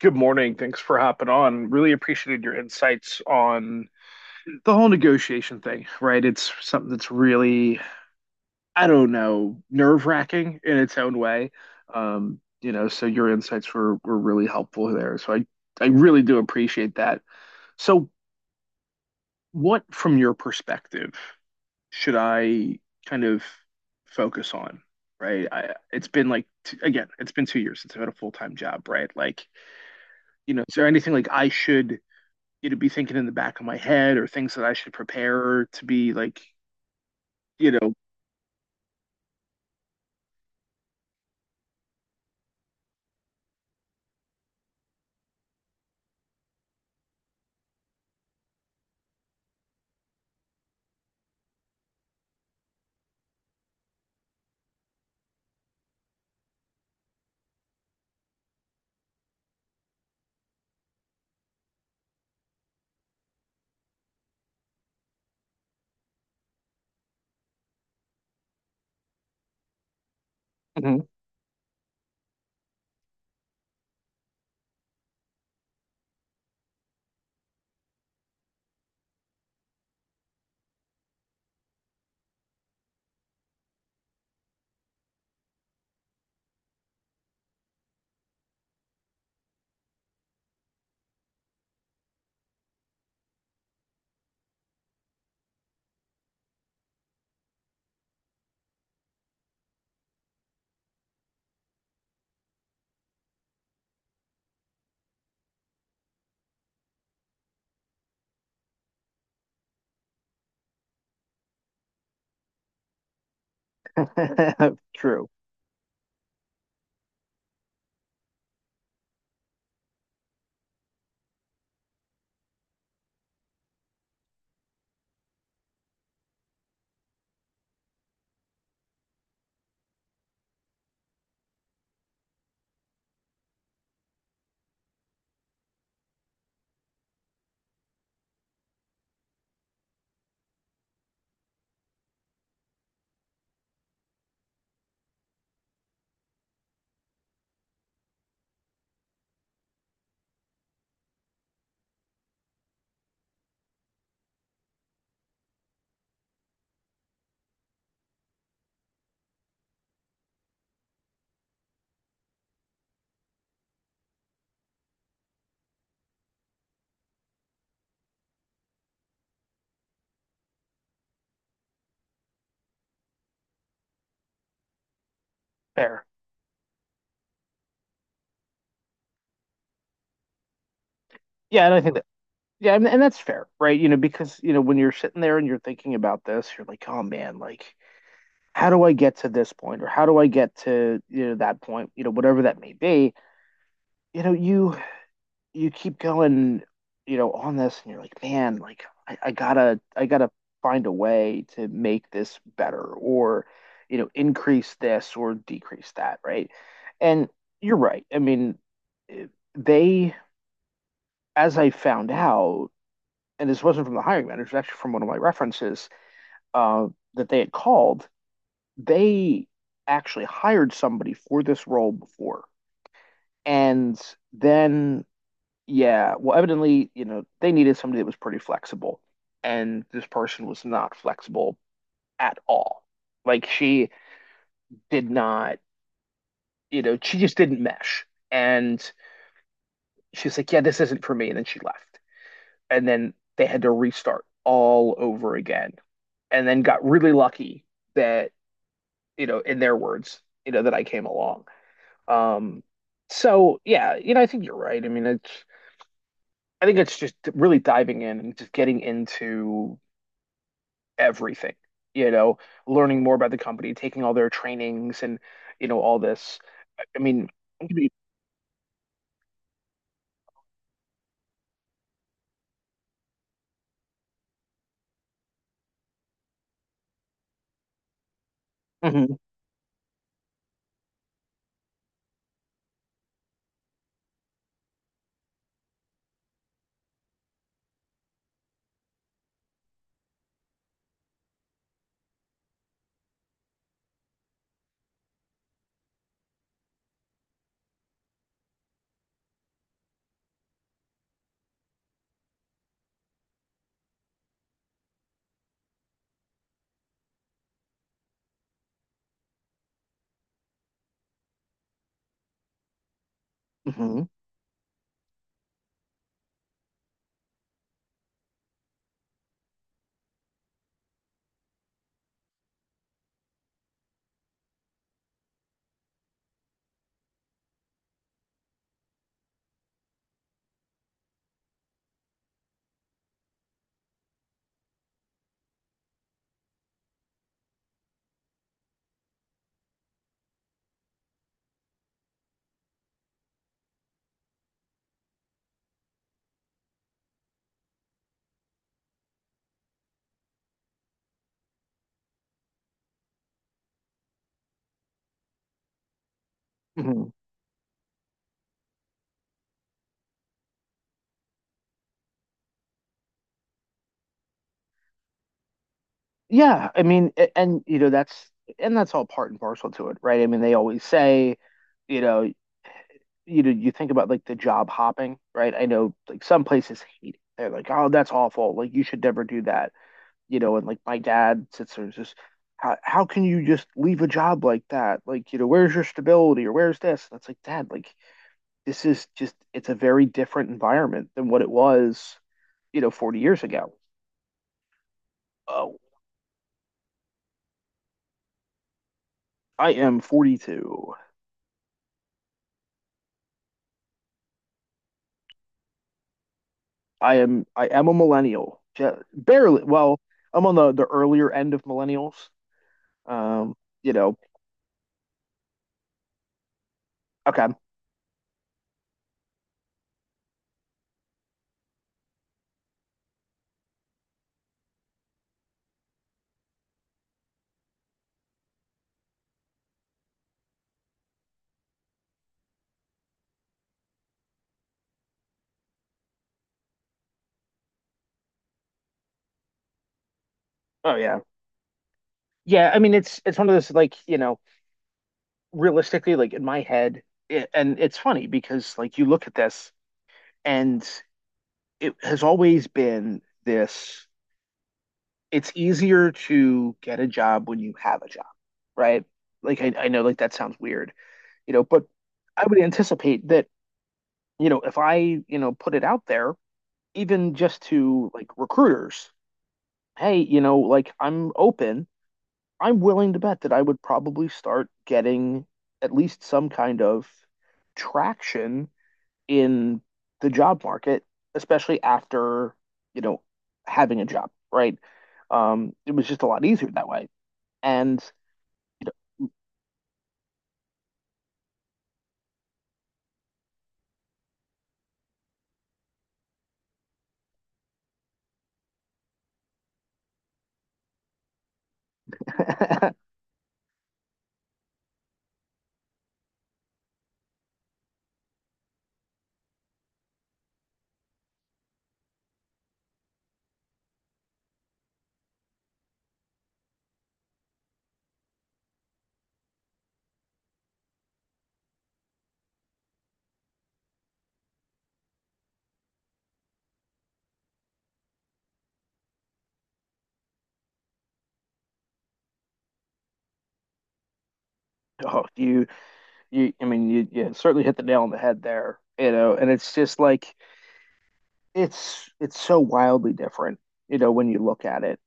Good morning. Thanks for hopping on. Really appreciated your insights on the whole negotiation thing, right? It's something that's really, I don't know, nerve-wracking in its own way. So your insights were really helpful there. So I really do appreciate that. So what, from your perspective, should I kind of focus on, right? I, it's been like t again, it's been 2 years since I've had a full-time job, right? Like, you know, is there anything like I should be thinking in the back of my head or things that I should prepare to be like, you know, Mhm. True. Fair. Yeah, and I think that yeah, and that's fair, right? When you're sitting there and you're thinking about this, you're like, oh man, like how do I get to this point or how do I get to, you know, that point, you know, whatever that may be, you know, you you keep going, you know, on this, and you're like, man, like I gotta find a way to make this better, or you know, increase this or decrease that, right? And you're right. I mean, eh, they, as I found out, and this wasn't from the hiring manager, it was actually from one of my references, uh, that they had called. They actually hired somebody for this role before, and then yeah, well, evidently, you know, they needed somebody that was pretty flexible, and this person was not flexible at all. Like she did not, you know, she just didn't mesh. And she's like, "Yeah, this isn't for me," and then she left. And then they had to restart all over again, and then got really lucky that, you know, in their words, you know, that I came along. Um, so yeah, you know, I think you're right. I think it's just really diving in and just getting into everything, you know, learning more about the company, taking all their trainings and, you know, all this. I mean, Mhm, mhm, mhm. Yeah, I mean, a- and you know, that's all part and parcel to it, right? I mean, they always say, you know, you think about like the job hopping, right? I know like some places hate it. They're like, oh, that's awful. Like you should never do that, you know. And like my dad sits there and just, how can you just leave a job like that? Like, you know, where's your stability or where's this? And it's like, Dad, like this is just it's a very different environment than what it was, you know, 40 years ago. Oh, I am 42. I am a millennial. Ju- barely. Well, I'm on the earlier end of millennials. Um, you know, okay. Oh yeah. Yeah, I mean it's one of those like, you know, realistically like in my head and it's funny because like you look at this and it has always been this it's easier to get a job when you have a job, right? Like I know like that sounds weird, you know, but I would anticipate that, you know, if I, you know, put it out there, even just to like recruiters, hey, you know, like I'm open, I'm willing to bet that I would probably start getting at least some kind of traction in the job market, especially after, you know, having a job, right? It was just a lot easier that way. And oh, you you I mean you, you certainly hit the nail on the head there, you know, and it's just like it's so wildly different, you know, when you look at it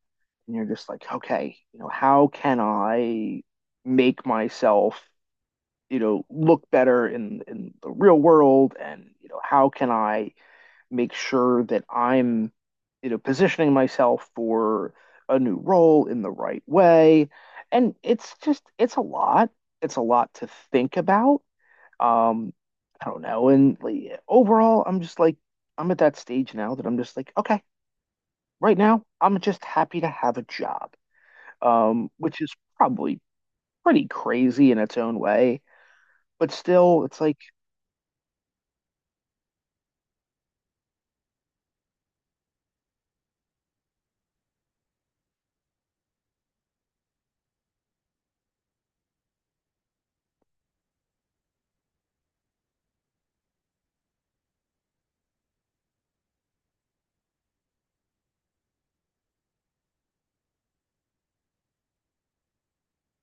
and you're just like, okay, you know, how can I make myself, you know, look better in the real world and, you know, how can I make sure that I'm, you know, positioning myself for a new role in the right way. And it's just, it's a lot. It's a lot to think about. Um, I don't know. And like, overall, I'm just like, I'm at that stage now that I'm just like, okay, right now, I'm just happy to have a job, which is probably pretty crazy in its own way. But still, it's like,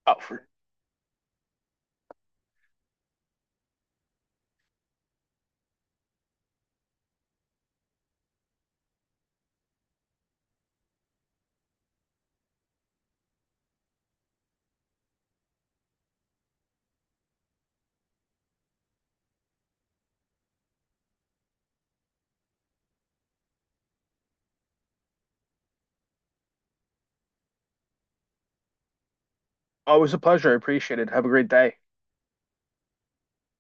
oh, for, always a pleasure. I appreciate it. Have a great day.